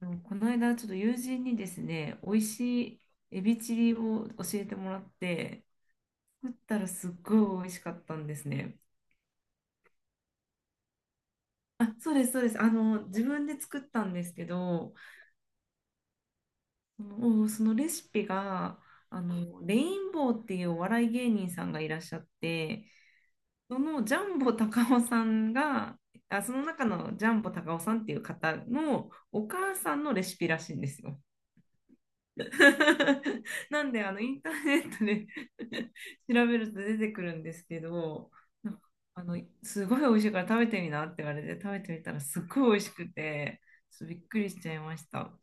この間、ちょっと友人にですね、美味しいエビチリを教えてもらって、作ったらすっごい美味しかったんですね。あ、そうです、そうです。自分で作ったんですけど、そのレシピが、レインボーっていうお笑い芸人さんがいらっしゃって、そのジャンボ高尾さんが、あ、その中のジャンボ高尾さんっていう方のお母さんのレシピらしいんですよ。なんでインターネットで 調べると出てくるんですけど、なんかすごい美味しいから食べてみなって言われて食べてみたらすっごい美味しくて、ちょっとびっくりしちゃいました。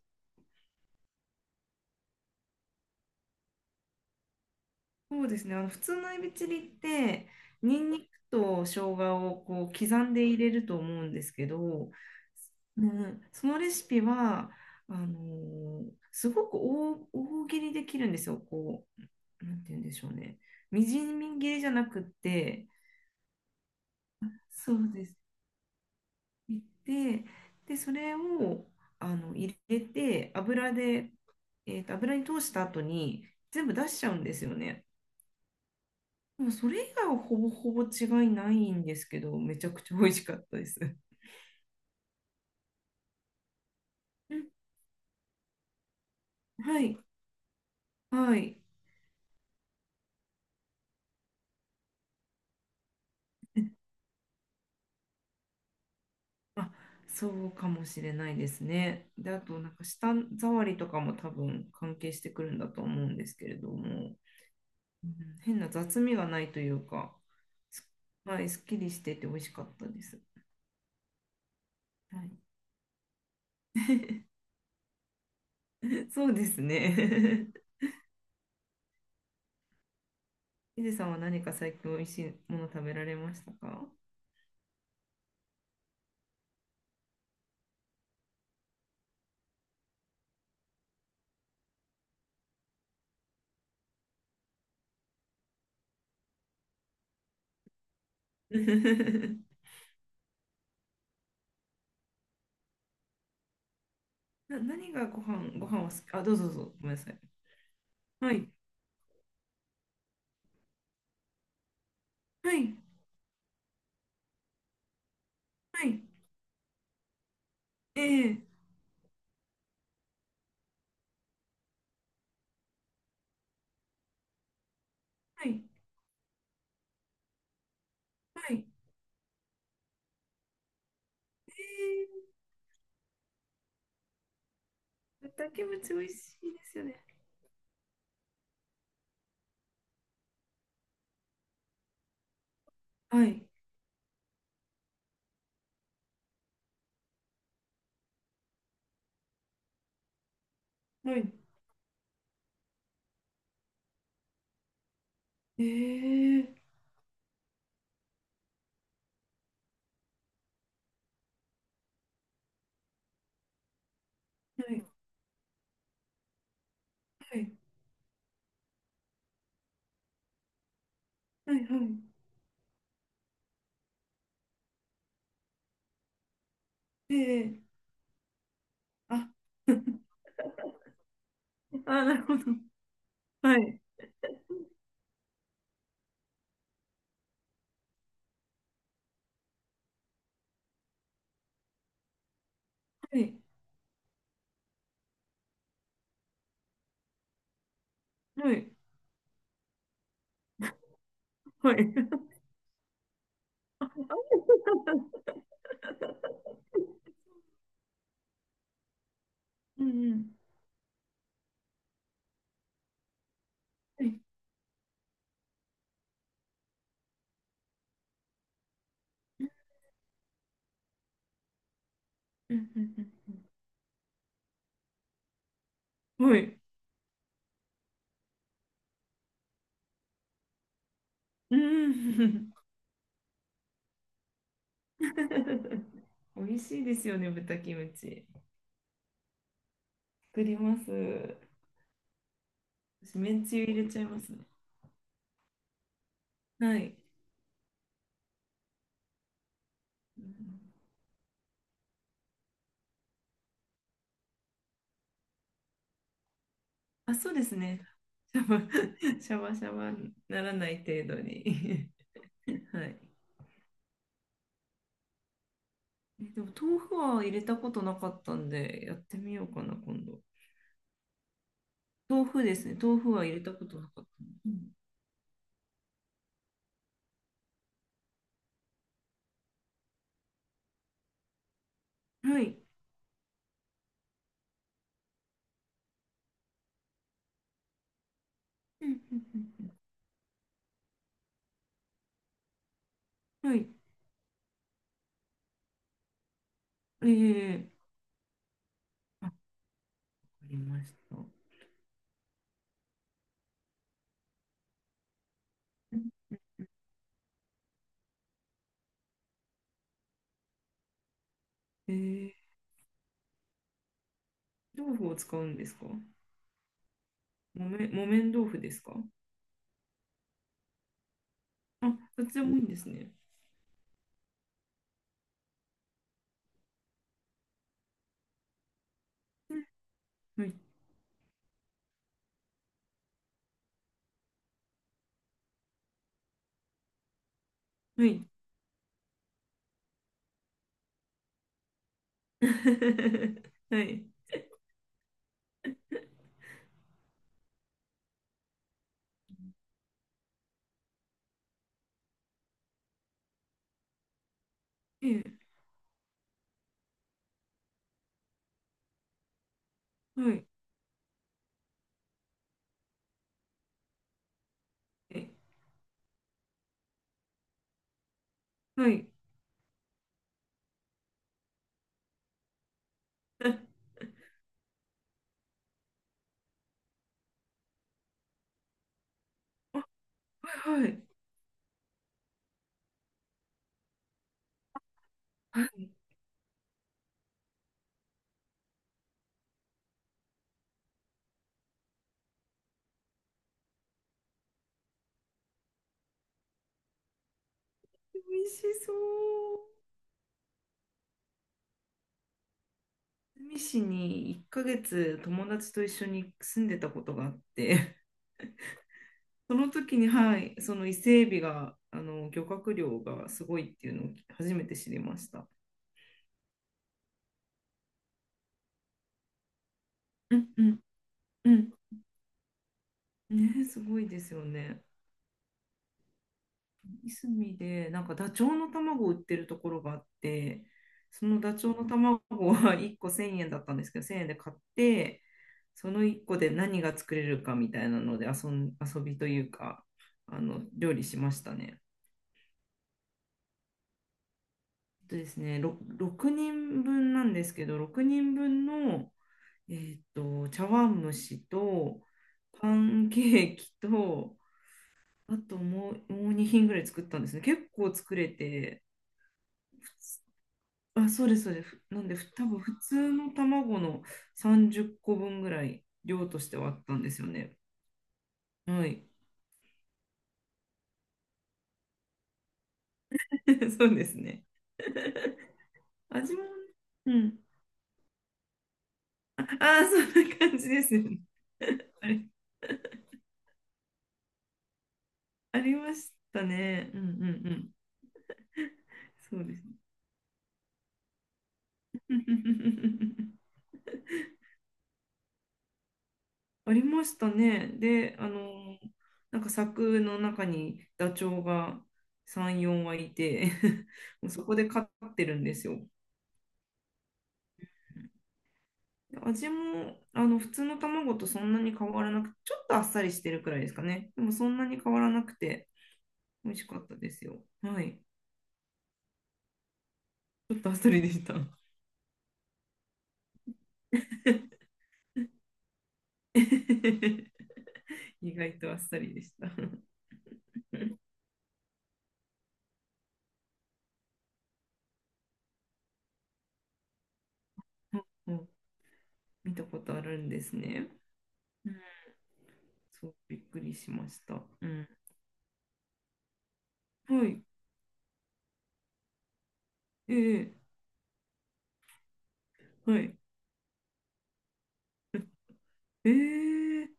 そうですね、普通のエビチリってニンニクと生姜をこう刻んで入れると思うんですけど、うん、そのレシピはあのーすごく大切りできるんですよ。こうなんて言うんでしょうね。みじん切りじゃなくって、そうです。切って、で、それを入れて、油で、油に通した後に全部出しちゃうんですよね。でもそれ以外はほぼほぼ違いないんですけど、めちゃくちゃ美味しかったです。うん、はい、はい。あ、そうかもしれないですね。で、あと、なんか舌触りとかも多分関係してくるんだと思うんですけれども。うん、変な雑味がないというか、すはい、すっきりしてて美味しかったです。はい、そうですね。ヒデさんは何か最近美味しいもの食べられましたか？ 何がご飯、は好き、あ、どうぞどうぞ、ごめんなさい。はい、はい、はい、ええ、はい、はい、ええ、豚キムチ美味しいですよね。はい、はい、ええ、はい、はい、はい、はい、ええ、あ、あ、なるほど。はい、はい。はい。はい。うんうん。はい。うんうんうん、はい。うん。美味しいですよね、豚キムチ。作ります。私、めんつゆ入れちゃいますね。はい。うん、あ、そうですね。シャバ、シャバシャバにならない程度に。はい。でも、豆腐は入れたことなかったんで、やってみようかな、今度。豆腐ですね。豆腐は入れたことなかった。うん、はい。うんうんうんうん、はい。ええ、あ、わかりました。ええ、豆腐を使うんですか？木綿豆腐ですか？あ、どっちでもいいんですね。はい。はい。はい。ええ、はい。えはい。あ、はいはい。美味しそう。住市に1ヶ月友達と一緒に住んでたことがあって、その時に、はい、その伊勢海老が、漁獲量がすごいっていうのを初めて知りました。うんうんうん。ね、すごいですよね。いすみで、なんかダチョウの卵を売ってるところがあって、そのダチョウの卵は1個1000円だったんですけど、1000円で買って、その1個で何が作れるかみたいなので遊びというか、料理しましたね。えっとですね、6人分なんですけど、6人分の、え茶碗蒸しと、パンケーキと、あともう2品ぐらい作ったんですね。結構作れて、あ、そうです、そうです。なんで、多分普通の卵の30個分ぐらい量としてはあったんですよね。はい。そうですね。味もね、うん。ああー、そんな感じですよね。あれ、ありましたね。うんうんうん。そうですね。ありましたね。で、なんか柵の中にダチョウが3、4羽いて もうそこで飼ってるんですよ。味も普通の卵とそんなに変わらなく、ちょっとあっさりしてるくらいですかね。でもそんなに変わらなくて美味しかったですよ。はい。ちょっとあっさりでした。意外とあっさりでした。うんうん、見たことあるんですね。うん、そう、びっくりしました。うん、はい。ええ、はい。ええ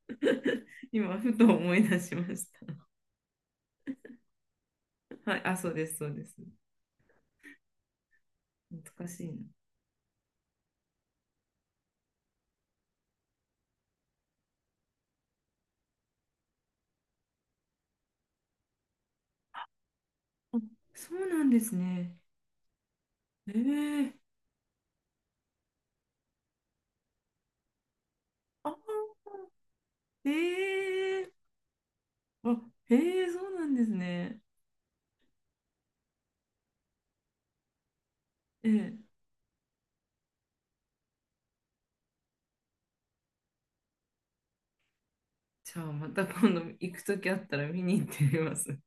今、ふと思い出しました。はい。あ、そうです、そうです。懐かしいな。あ、そうなんですね。ええ、あ、ええ、あ、ええ、そうなんですね。ええ、じゃあまた今度行くときあったら見に行ってみます。